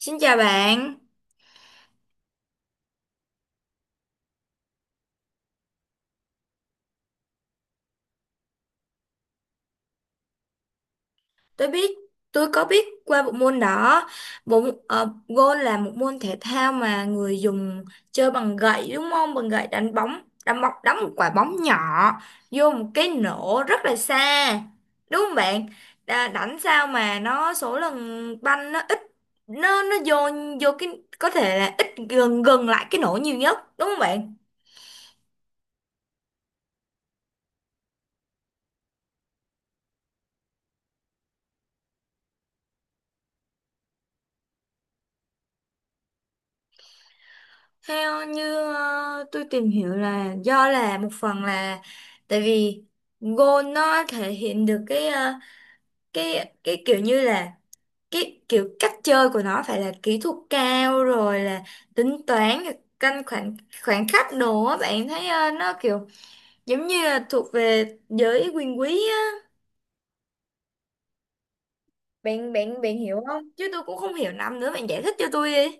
Xin chào bạn, tôi biết tôi có biết qua bộ môn đó. Golf là một môn thể thao mà người dùng chơi bằng gậy, đúng không? Bằng gậy đánh bóng, đánh một quả bóng nhỏ vô một cái nổ rất là xa. Đúng không bạn? Đánh sao mà nó số lần banh nó ít, nó vô vô cái, có thể là ít gần gần lại cái nổ nhiều nhất, đúng không bạn? Theo như tôi tìm hiểu là do là một phần là tại vì go nó thể hiện được cái cái kiểu như là cái kiểu cách chơi của nó phải là kỹ thuật cao, rồi là tính toán, rồi canh khoảng khoảng khắc đồ á, bạn thấy nó kiểu giống như là thuộc về giới quyền quý á. Bạn bạn bạn hiểu không? Chứ tôi cũng không hiểu lắm nữa, bạn giải thích cho tôi đi.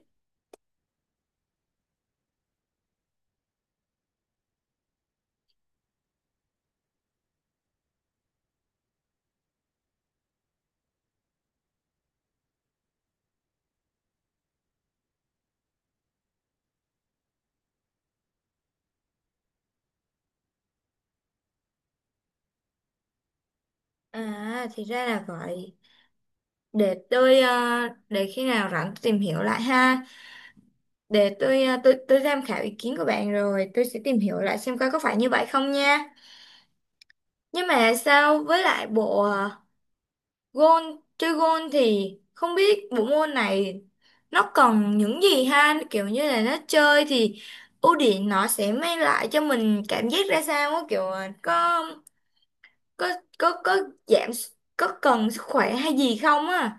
À, thì ra là vậy. để tôi ờ, để khi nào rảnh tôi tìm hiểu lại ha, để tôi tôi tham khảo ý kiến của bạn, rồi tôi sẽ tìm hiểu lại xem coi có phải như vậy không nha. Nhưng mà sao, với lại bộ à, gôn chơi gôn thì không biết bộ môn này nó còn những gì ha, kiểu như là nó chơi thì ưu điểm nó sẽ mang lại cho mình cảm giác ra sao á, kiểu có có giảm, có cần sức khỏe hay gì không á?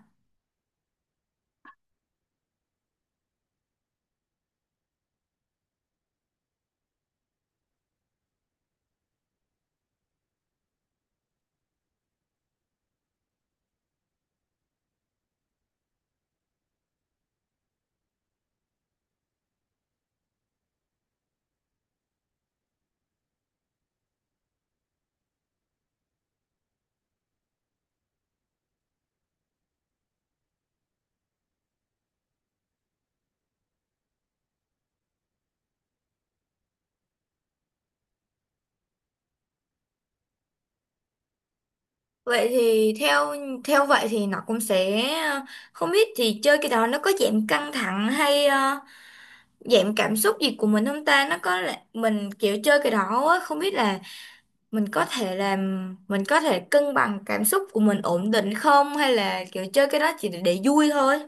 Vậy thì theo Theo vậy thì nó cũng sẽ không biết thì chơi cái đó nó có giảm căng thẳng hay dạng cảm xúc gì của mình không ta? Nó có là mình kiểu chơi cái đó á, không biết là mình có thể làm, mình có thể cân bằng cảm xúc của mình ổn định không, hay là kiểu chơi cái đó chỉ để vui thôi?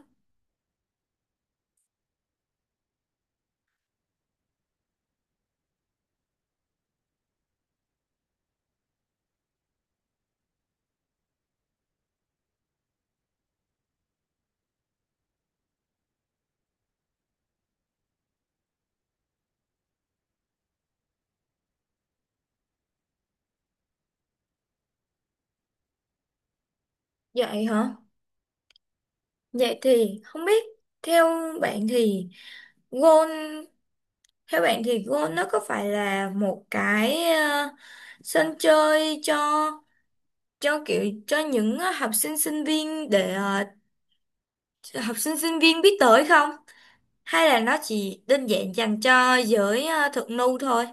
Vậy hả? Vậy thì không biết, theo bạn thì goal theo bạn thì goal nó có phải là một cái sân chơi cho, kiểu cho những học sinh sinh viên để học sinh sinh viên biết tới không, hay là nó chỉ đơn giản dành cho giới thượng lưu thôi?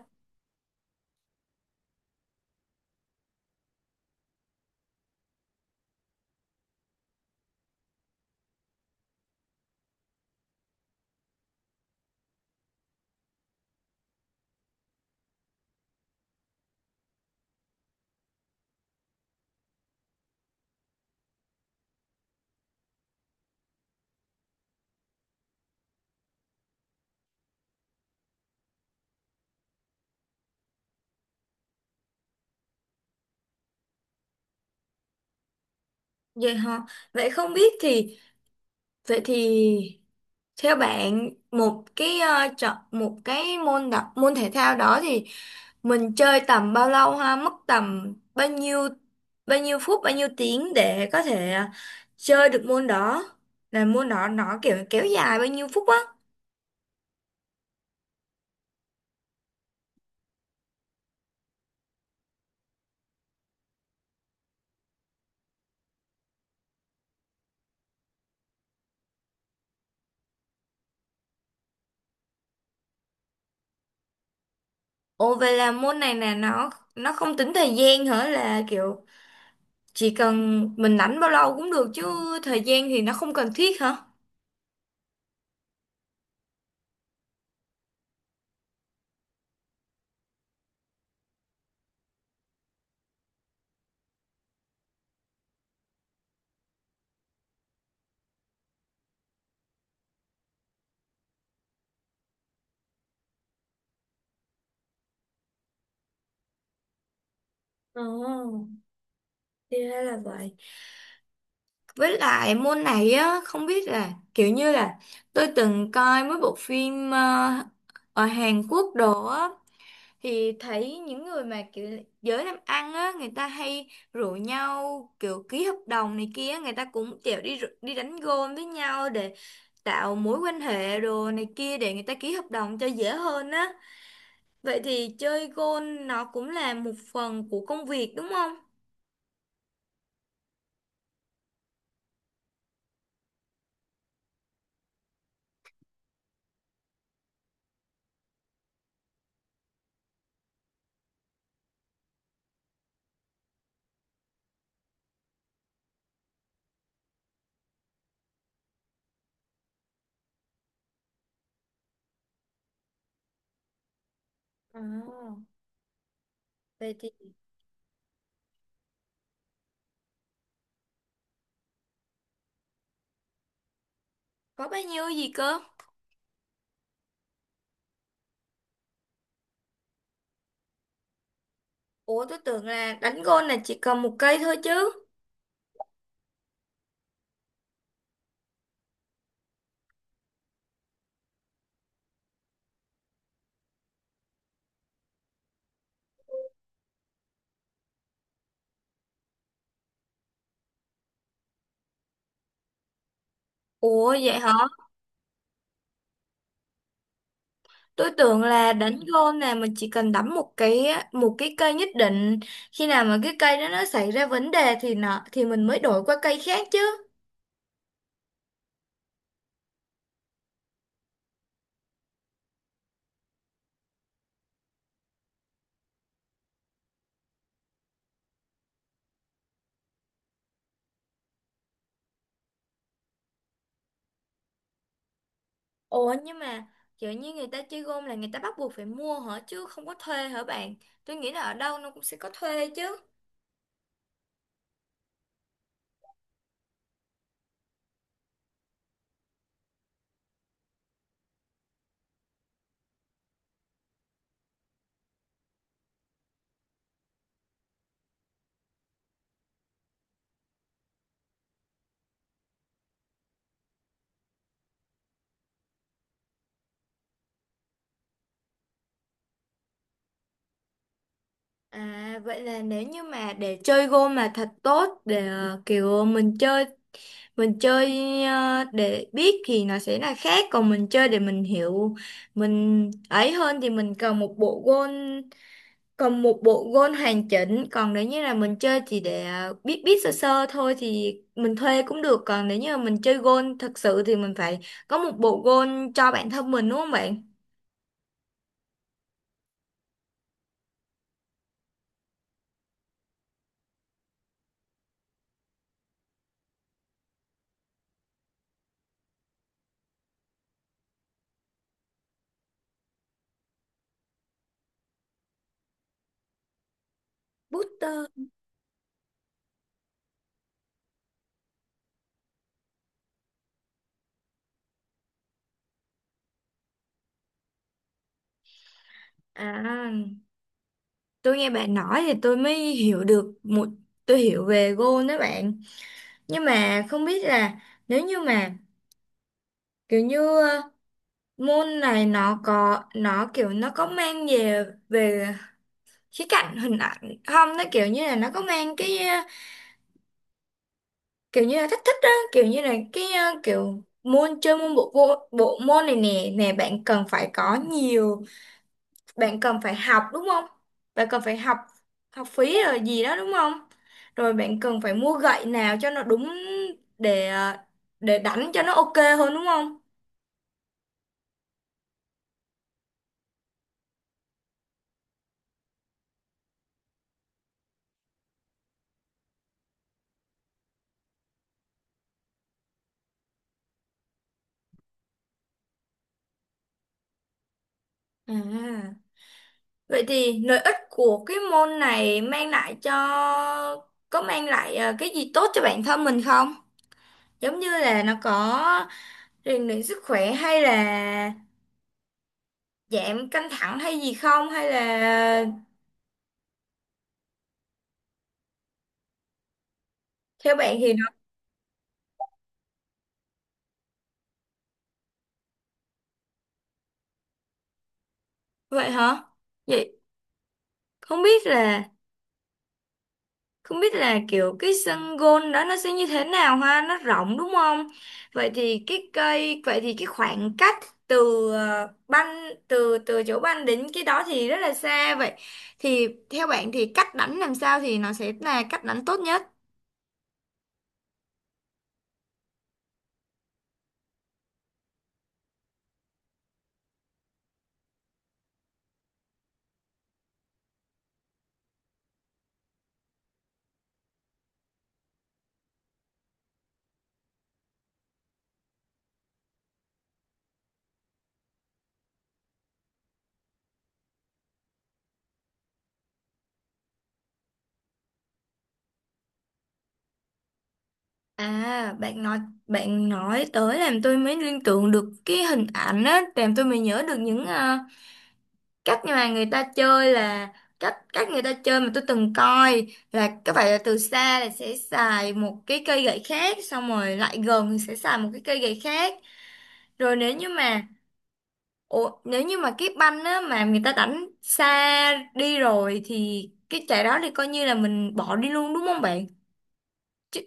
Vậy hả? Vậy không biết thì Vậy thì theo bạn, chọn một cái môn thể thao đó thì mình chơi tầm bao lâu ha, mất tầm bao nhiêu, bao nhiêu phút, bao nhiêu tiếng để có thể chơi được môn đó? Là môn đó nó kiểu kéo dài bao nhiêu phút á? Ồ, vậy là môn này là nó không tính thời gian hả? Là kiểu chỉ cần mình rảnh bao lâu cũng được chứ, thời gian thì nó không cần thiết hả? Ồ, thì ra là vậy. Với lại môn này á, không biết là kiểu như là tôi từng coi mấy bộ phim ở Hàn Quốc đồ á thì thấy những người mà kiểu giới làm ăn á, người ta hay rủ nhau kiểu ký hợp đồng này kia, người ta cũng kiểu đi đánh gôn với nhau để tạo mối quan hệ đồ này kia, để người ta ký hợp đồng cho dễ hơn á. Vậy thì chơi golf nó cũng là một phần của công việc, đúng không? À, vậy thì. Có bao nhiêu gì cơ? Ủa, tôi tưởng là đánh golf là chỉ cần một cây thôi chứ. Ủa, vậy hả? Tôi tưởng là đánh golf là mình chỉ cần đắm một cái cây nhất định. Khi nào mà cái cây đó nó xảy ra vấn đề thì nó, thì mình mới đổi qua cây khác chứ. Ủa, nhưng mà kiểu như người ta chơi golf là người ta bắt buộc phải mua hả, chứ không có thuê hả bạn? Tôi nghĩ là ở đâu nó cũng sẽ có thuê chứ. À, vậy là nếu như mà để chơi gôn mà thật tốt để kiểu mình chơi, mình chơi để biết thì nó sẽ là khác, còn mình chơi để mình hiểu mình ấy hơn thì mình cần một bộ gôn cần một bộ gôn hoàn chỉnh. Còn nếu như là mình chơi chỉ để biết biết sơ sơ thôi thì mình thuê cũng được, còn nếu như mà mình chơi gôn thật sự thì mình phải có một bộ gôn cho bản thân mình, đúng không bạn? Booster. À, tôi nghe bạn nói thì tôi mới hiểu được một tôi hiểu về gôn đó bạn. Nhưng mà không biết là, nếu như mà kiểu như ờ, môn này nó có mang về về khía cạnh hình ảnh không, nó kiểu như là nó có mang cái kiểu như là thách thức đó, kiểu như là kiểu môn chơi môn bộ bộ, bộ môn này nè nè, bạn cần phải học, đúng không? Bạn cần phải học học phí rồi gì đó, đúng không? Rồi bạn cần phải mua gậy nào cho nó đúng, để à, để đánh cho nó ok hơn, đúng không? À, vậy thì lợi ích của cái môn này mang lại cho có mang lại cái gì tốt cho bản thân mình không? Giống như là nó có rèn luyện sức khỏe, hay là giảm căng thẳng hay gì không, hay là theo bạn thì nó. Vậy hả? Vậy không biết là Không biết là kiểu cái sân gôn đó nó sẽ như thế nào ha, nó rộng đúng không? Vậy thì cái khoảng cách từ ờ, banh từ từ chỗ banh đến cái đó thì rất là xa vậy. Thì theo bạn thì cách đánh làm sao thì nó sẽ là cách đánh tốt nhất? À, bạn nói tới làm tôi mới liên tưởng được cái hình ảnh á, làm tôi mới nhớ được những cách mà người ta chơi là cách cách người ta chơi mà tôi từng coi, là các bạn là từ xa là sẽ xài một cái cây gậy khác, xong rồi lại gần thì sẽ xài một cái cây gậy khác. Rồi nếu như mà Ủa, nếu như mà cái banh á mà người ta đánh xa đi rồi thì cái trái đó thì coi như là mình bỏ đi luôn, đúng không bạn? Chứ,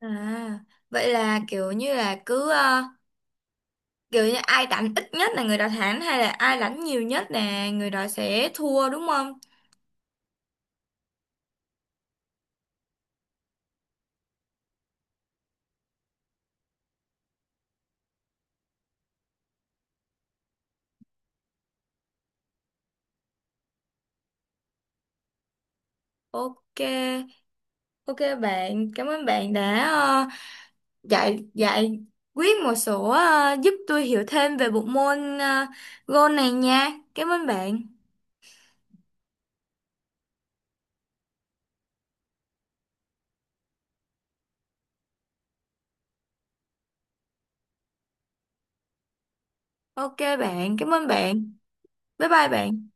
à vậy là kiểu như là cứ kiểu như ai đánh ít nhất là người đó thắng, hay là ai đánh nhiều nhất là người đó sẽ thua, đúng không? Ok Ok bạn, cảm ơn bạn đã ờ, dạy dạy quyết một số ờ, giúp tôi hiểu thêm về bộ môn golf này nha. Cảm ơn bạn. Ok bạn, cảm ơn bạn. Bye bye bạn.